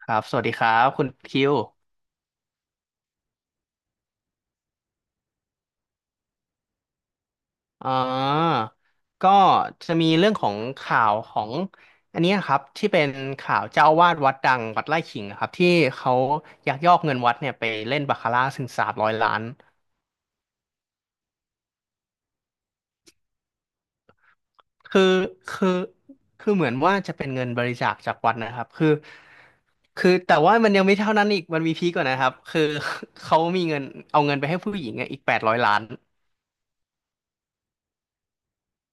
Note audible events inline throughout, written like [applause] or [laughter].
ครับสวัสดีครับคุณคิวอ่าก็จะมีเรื่องของข่าวของอันเนี้ยครับที่เป็นข่าวเจ้าอาวาสวัดดังวัดไร่ขิงอะครับที่เขายักยอกเงินวัดเนี่ยไปเล่นบาคาร่าถึงสามร้อยล้านคือคือคือเหมือนว่าจะเป็นเงินบริจาคจากวัดนะครับคือแต่ว่ามันยังไม่เท่านั้นอีกมันมีพีกกว่านะครับ[laughs] เขามีเงินเอาเงินไปให้ผู้หญิงอะอีกแปดร้อยล้าน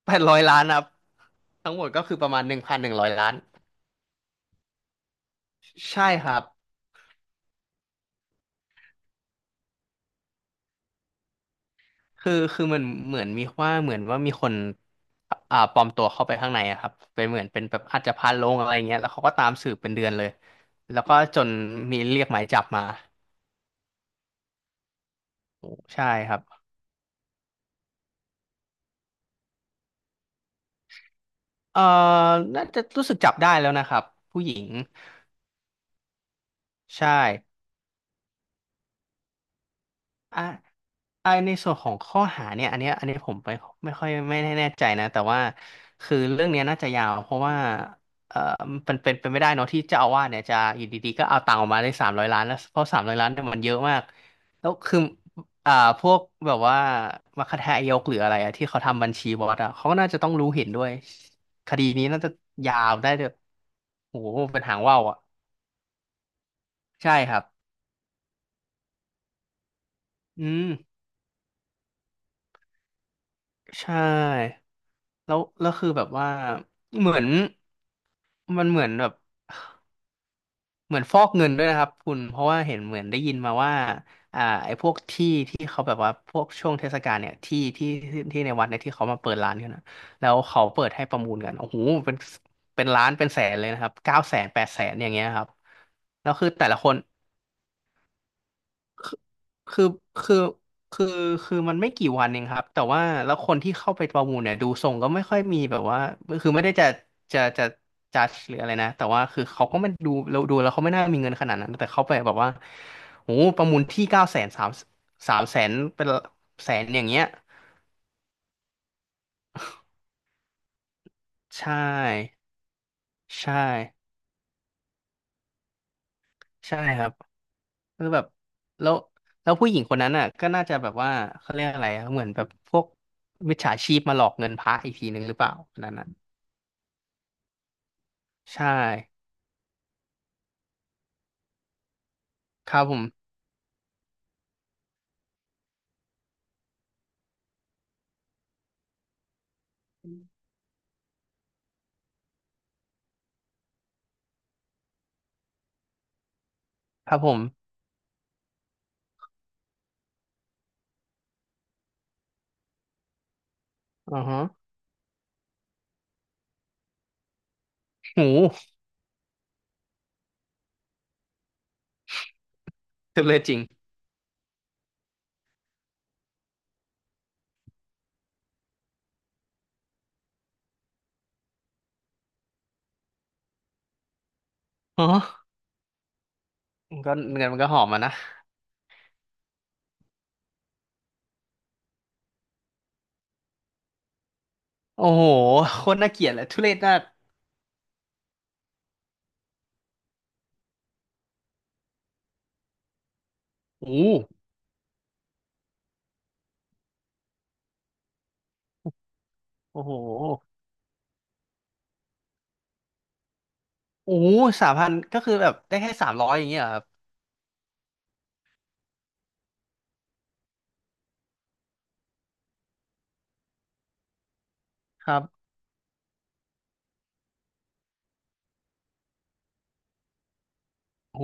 แปดร้อยล้านครับทั้งหมดก็คือประมาณ1,100 ล้าน ใช่ครับ คือมันเหมือนมีว่าเหมือนว่ามีคนปลอมตัวเข้าไปข้างในอะครับเป็นเหมือนเป็นแบบอาจจะพาลงอะไรเงี้ยแล้วเขาก็ตามสืบเป็นเดือนเลย แล้วก็จนมีเรียกหมายจับมา ใช่ครับเอ่อน่าจะรู้สึกจับได้แล้วนะครับ ผู้หญิง ใช่อ่ะ ไอในส่วนของข้อหาเนี่ยอันเนี้ยอันนี้ผมไปไม่ค่อยไม่แน่ใจนะแต่ว่าคือเรื่องเนี้ยน่าจะยาวเพราะว่าเออมันเป็นไม่ได้เนาะที่เจ้าอาวาสเนี่ยจะอยู่ดีๆก็เอาตังค์ออกมาได้สามร้อยล้านแล้วเพราะสามร้อยล้านเนี่ยมันเยอะมากแล้วคืออ่าพวกแบบว่ามัคคทายกหรืออะไรอะที่เขาทำบัญชีบอสอะเขาก็น่าจะต้องรู้เห็นด้วยคดีนี้น่าจะยาวได้เลยโอ้โหเป็นหางว่าวอะใช่ครับอืมใช่ แล้วแล้วคือแบบว่าเหมือนมันเหมือนแบบเหมือนฟอกเงินด้วยนะครับคุณเพราะว่าเห็นเหมือนได้ยินมาว่าไอ้พวกที่เขาแบบว่าพวกช่วงเทศกาลเนี่ยที่ในวัดเนี่ยที่เขามาเปิดร้านกันนะแล้วเขาเปิดให้ประมูลกันโอ้โหเป็นเป็นล้านเป็นแสนเลยนะครับ900,000 800,000 อย่างเงี้ยครับแล้วคือแต่ละคน คือคือคือคือมันไม่กี่วันเองครับแต่ว่าแล้วคนที่เข้าไปประมูลเนี่ยดูทรงก็ไม่ค่อยมีแบบว่าคือไม่ได้จะจัดหรืออะไรนะแต่ว่าคือเขาก็ไม่ดูเราดูแล้วเขาไม่น่ามีเงินขนาดนั้นแต่เขาไปแบบว่าโอ้โหประมูลที่เก้าแสนสามแสนเป็นแสนอย่างเงี้ยใช่ใช่ ใช่ครับคือแบบแล้วแล้วผู้หญิงคนนั้นอ่ะก็น่าจะแบบว่าเขาเรียกอะไรอะเหมือนแบบพวกมิจฉาชีพมาหลอกเงินพระอีกทีหนึ่งหรือเปล่าคนนั้นน่ะใช่ครับผมครับผมอือฮะหูจำเลยจริงอ๋อมันก็เงินมันก็หอมมานะโอ้โหโคตรน่าเกลียดเลยทุเรศน่ากโอ้โหโอ้โหโอ้3,000ก็คือแบบได้แค่สามร้อยอย่างเงี้ยเหรอครับครับโอ้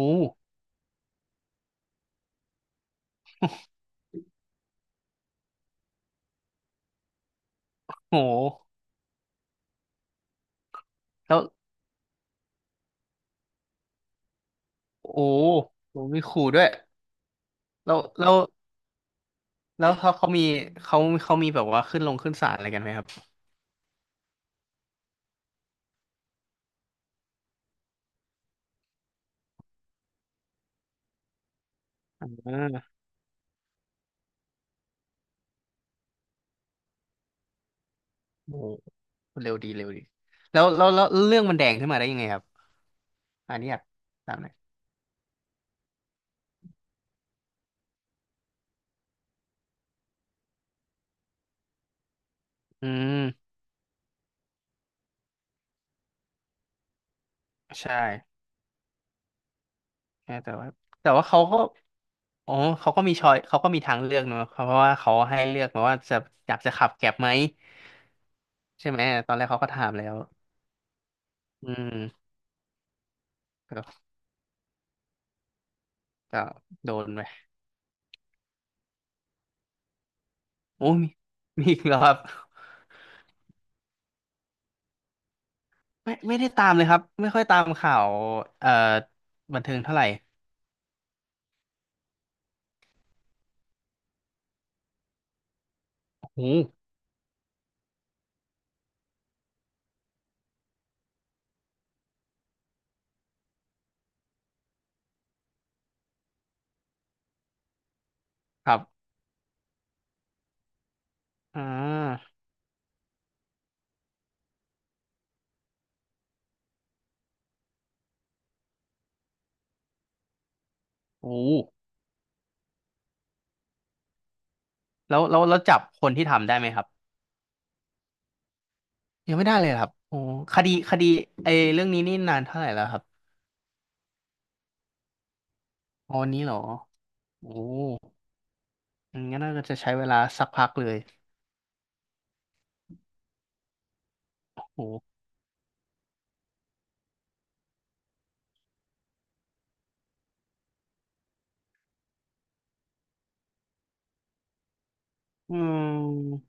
โหโอ้โหแล้วโอ้โหมีขู่ด้วยแล้วแล้ว แล้วเขาเขามีเขาเขามีแบบว่าขึ้นลงขึ้นศาลอะไรกันไหมครับอ่าโอ้โหเร็วดีเร็วดีแล้วแล้วแล้วเรื่องมันแดงขึ้นมาได้ยังไงครับอันนี้อยากถามหน่อยอืมใช่ใช่แต่ว่าแต่ว่าเขาก็อ๋อเขาก็มีชอยเขาก็มีทางเลือกเนอะเพราะว่าเขาให้เลือกมาว่าจะอยากจะขับแกร็บไหมใช่ไหมตอนแรกเขาก็ถามแล้วอืมก็ก็โดนไปโอ้ยมีมีอีกแล้วครับไม่ไม่ได้ตามเลยครับไม่ค่อยตามข่าวเอ่อบันเทิงเท่าไหร่โอ้โหครับ อ่าโอ้แล้วแล้วแล้วจับคนที่ทำได้ไหมครับยังไม่ได้เลยเหรอครับโอ้คดีคดีไอ้เรื่องนี้นี่นานเท่าไหร่แล้วครับอ๋อวันนี้เหรอโอ้งั้นน่าจะใช้เวลาสักพักเลยโอ้อืม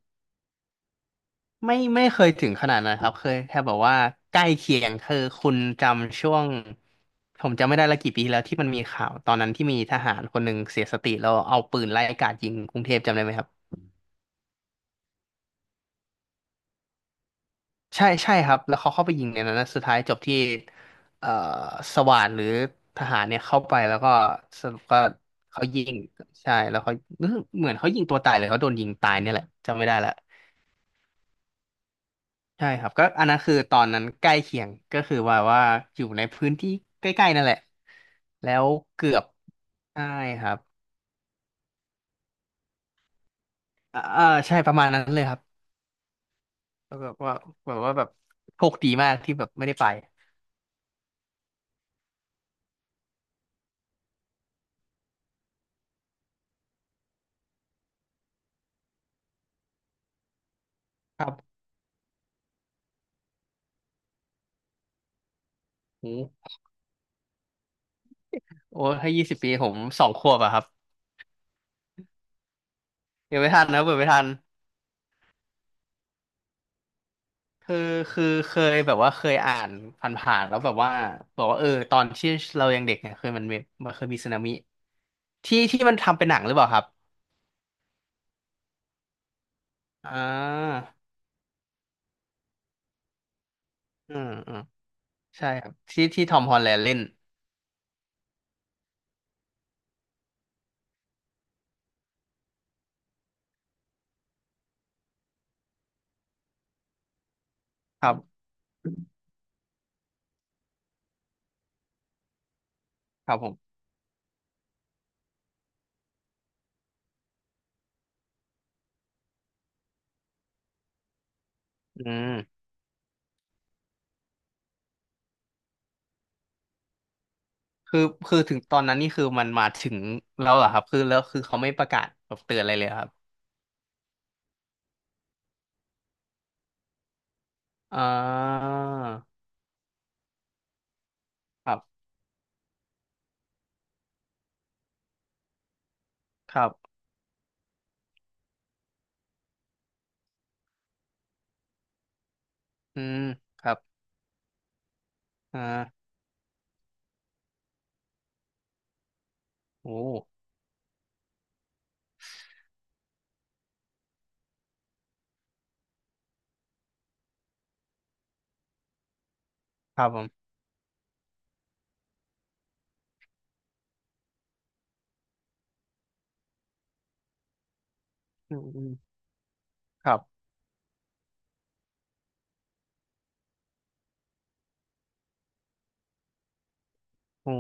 ไม่ไม่เคยถึงขนาดนั้นครับเคยแค่แบบว่าใกล้เคียงคือคุณจำช่วงผมจำไม่ได้ละกี่ปีแล้วที่มันมีข่าวตอนนั้นที่มีทหารคนหนึ่งเสียสติแล้วเอาปืนไล่กราดยิงกรุงเทพจำได้ไหมครับ ใช่ใช่ครับแล้วเขาเข้าไปยิงในนั้นนะสุดท้ายจบที่เอ่อสว่านหรือทหารเนี่ยเข้าไปแล้วก็สรุปก็เขายิงใช่แล้วเขาเหมือนเขายิงตัวตายเลยเขาโดนยิงตายเนี่ยแหละจำไม่ได้ละใช่ครับก็อันนั้นคือตอนนั้นใกล้เคียงก็คือว่าว่าอยู่ในพื้นที่ใกล้ๆนั่นแหละแล้วเกือบใช่ครับใช่ประมาณนั้นเลยครับแล้วแบบว่าแบบว่าแบบโชคดีมากที่แบบไม่ได้ไปครับโอ้โหโอ้ถ้า20 ปีผม2 ขวบอะครับ เดี๋ยวไม่ทันนะเปิดไม่ทันคือคือเคยแบบว่าเคยอ่านผ่านๆแล้วแบบว่าบอกว่าเออตอนที่เรายังเด็กเนี่ยเคยมันมีมันเคยมีสึนามิที่ที่มันทำเป็นหนังหรือเปล่าครับอ่าอืมอืมใช่ครับที่ที่ทอมฮอลแลนด์เล่นครับครับผมอืมคือคือถึงตอนนั้นนี่คือมันมาถึงแล้วเหรอครับคือแล้วคือเขาไม่ประกาศแบบเตือนอะไรเลยเหรอครับอ่าครับครับอืมครับอ่าโอ้ครับผมอืมอืมครับ โอ้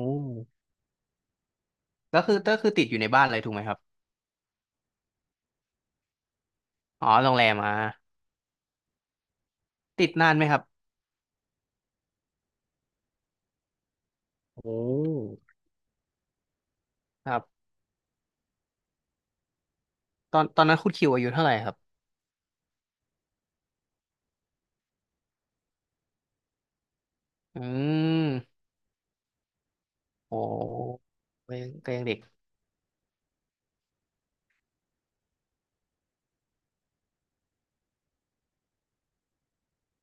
ก็คือก็คือติดอยู่ในบ้านเลยถูกไหมครับอ๋อโรงแรมอ่ะติดนานไหมครับโอ้ครับตอนตอนนั้นคุณคิวอายุเท่าไหร่ครับอืมโอ้ก็ยังก็ยังเด็ก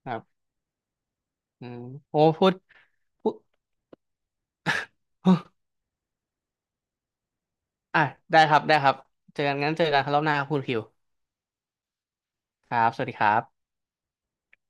ครับอืมโอ้พูดพูด [gasps] [laughs] อ่ะได้ครับได้ครับ เจอกันงั้นเจอกันครับรอบหน้าครับคุณคิวครับสวัสดีครับ